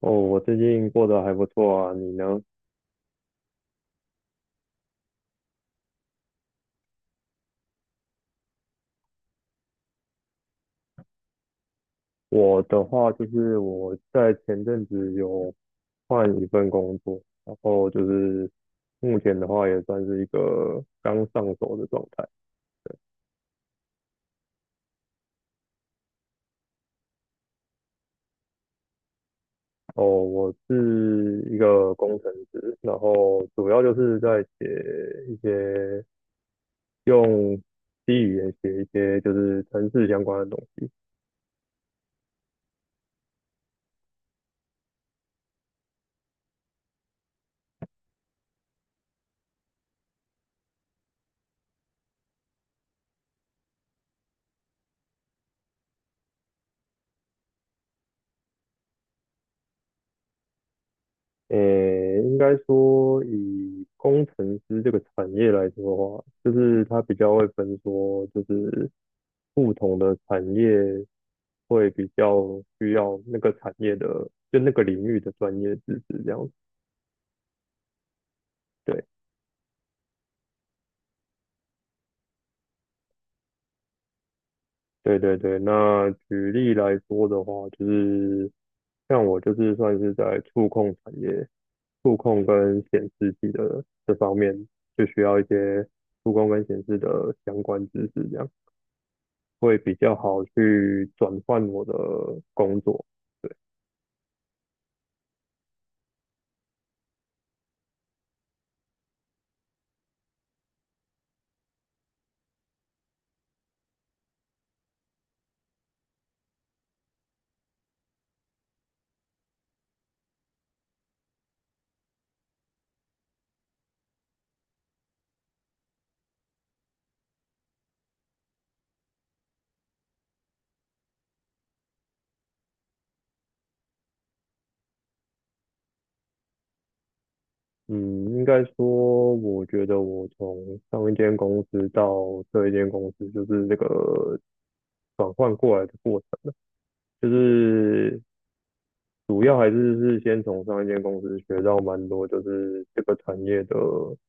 哦，我最近过得还不错啊，你呢？我的话就是我在前阵子有换一份工作，然后就是目前的话也算是一个刚上手的状态。哦，我是一个工程师，然后主要就是在写一些用 C 语言写一些就是城市相关的东。诶，应该说以工程师这个产业来说的话，就是它比较会分说，就是不同的产业会比较需要那个产业的，就那个领域的专业知识这样子。对对对对。那举例来说的话，就是像我就是算是在触控产业，触控跟显示器的这方面，就需要一些触控跟显示的相关知识这样。会比较好去转换我的工作。嗯，应该说，我觉得我从上一间公司到这一间公司，就是这个转换过来的过程，就是主要还是先从上一间公司学到蛮多，就是这个产业的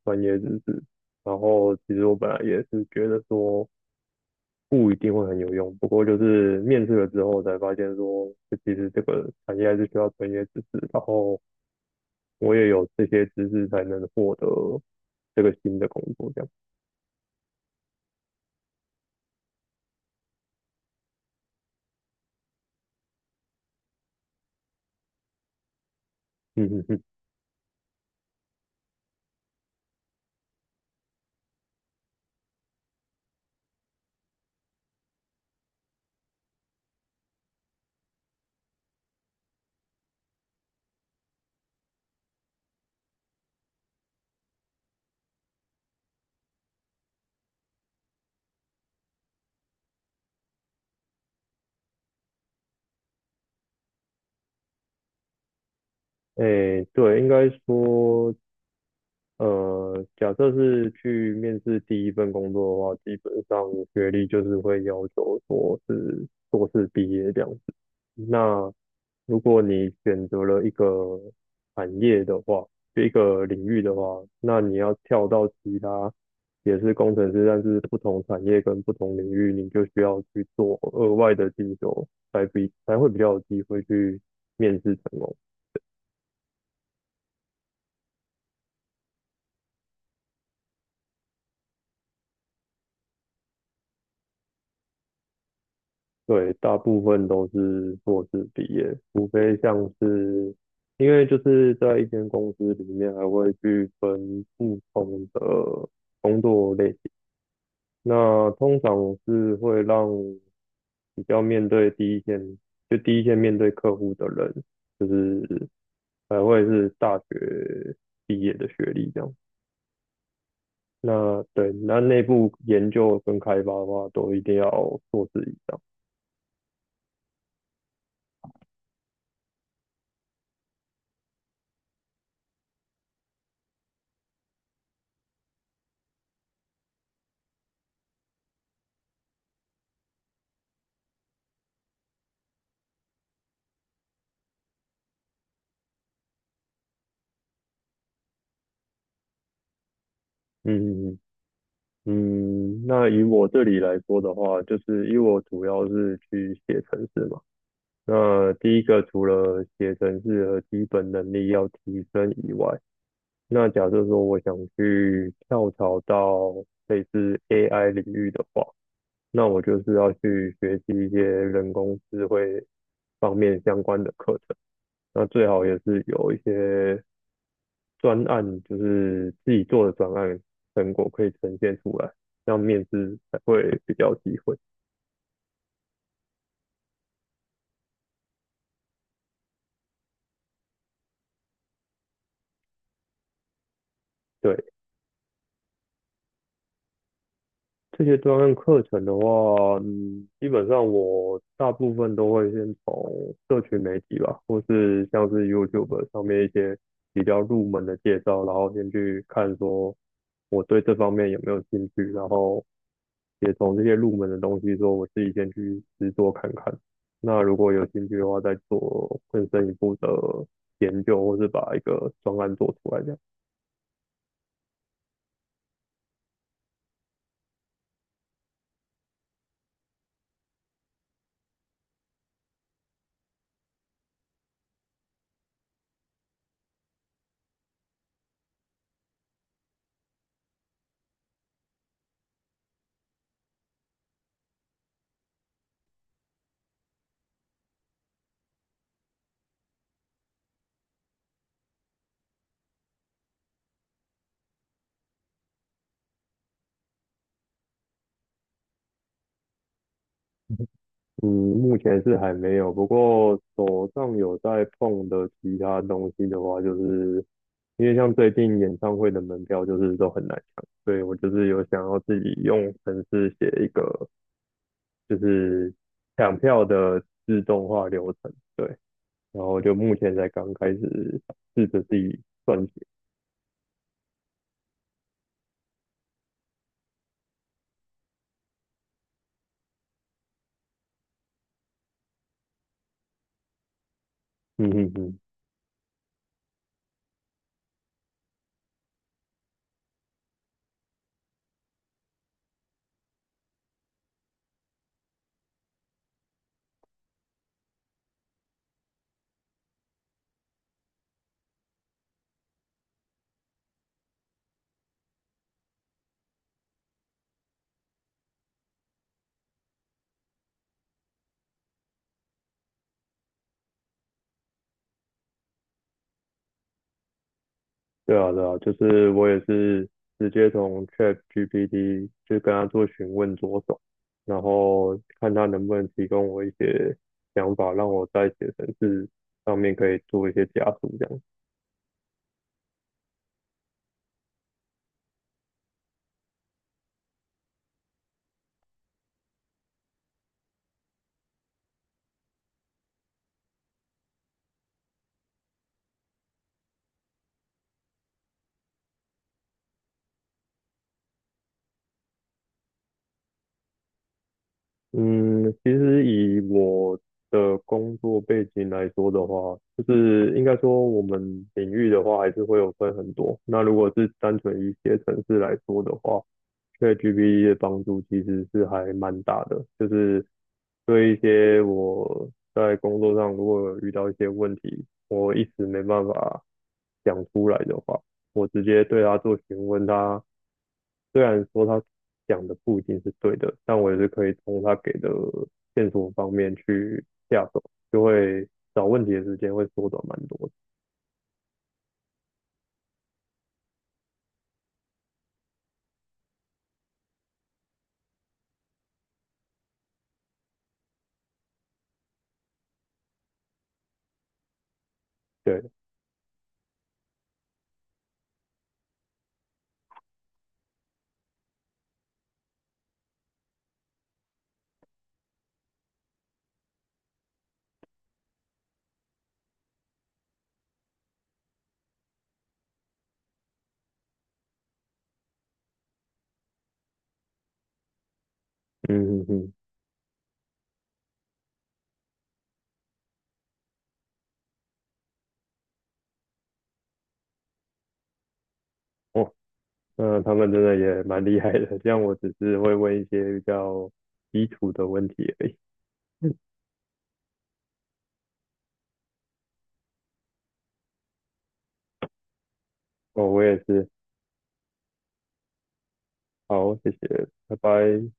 专业知识。然后其实我本来也是觉得说不一定会很有用，不过就是面试了之后才发现说，就其实这个产业还是需要专业知识，然后我也有这些知识才能获得这个新的工作，这样。嗯嗯嗯。哎，对，应该说，假设是去面试第一份工作的话，基本上学历就是会要求说是硕士毕业这样。那如果你选择了一个产业的话，就一个领域的话，那你要跳到其他也是工程师，但是不同产业跟不同领域，你就需要去做额外的进修，才会比较有机会去面试成功。对，大部分都是硕士毕业，除非像是因为就是在一间公司里面还会去分不同的工作类。那通常我是会让比较面对第一线，就第一线面对客户的人，就是会是大学毕业的学历这样。那对，那内部研究跟开发的话，都一定要硕士以上。嗯嗯，那以我这里来说的话，就是因为我主要是去写程式嘛。那第一个除了写程式的基本能力要提升以外，那假设说我想去跳槽到类似 AI 领域的话，那我就是要去学习一些人工智慧方面相关的课程。那最好也是有一些专案，就是自己做的专案成果可以呈现出来，这样面试才会比较有机会。对。这些专案课程的话，嗯，基本上我大部分都会先从社群媒体吧，或是像是 YouTube 上面一些比较入门的介绍，然后先去看说我对这方面有没有兴趣，然后也从这些入门的东西说我自己先去实做看看。那如果有兴趣的话，再做更深一步的研究，或是把一个专案做出来这样。嗯，目前是还没有，不过手上有在碰的其他东西的话，就是因为像最近演唱会的门票就是都很难抢，所以我就是有想要自己用程式写一个就是抢票的自动化流程，对，然后就目前才刚开始试着自己撰写，嗯嗯嗯。对啊，对啊，就是我也是直接从 ChatGPT 就跟他做询问着手，然后看他能不能提供我一些想法，让我在写程式上面可以做一些加速这样。嗯，其实以我的工作背景来说的话，就是应该说我们领域的话还是会有分很多。那如果是单纯以写程式来说的话，对 GPT 的帮助其实是还蛮大的，就是对一些我在工作上如果有遇到一些问题，我一时没办法讲出来的话，我直接对他做询问他，虽然说他讲的不一定是对的，但我也是可以从他给的线索方面去下手，就会找问题的时间会缩短蛮多的。对，嗯嗯嗯，我、他们真的也蛮厉害的，这样我只是会问一些比较基础的问题而已。哦，我也是，好，谢谢，拜拜。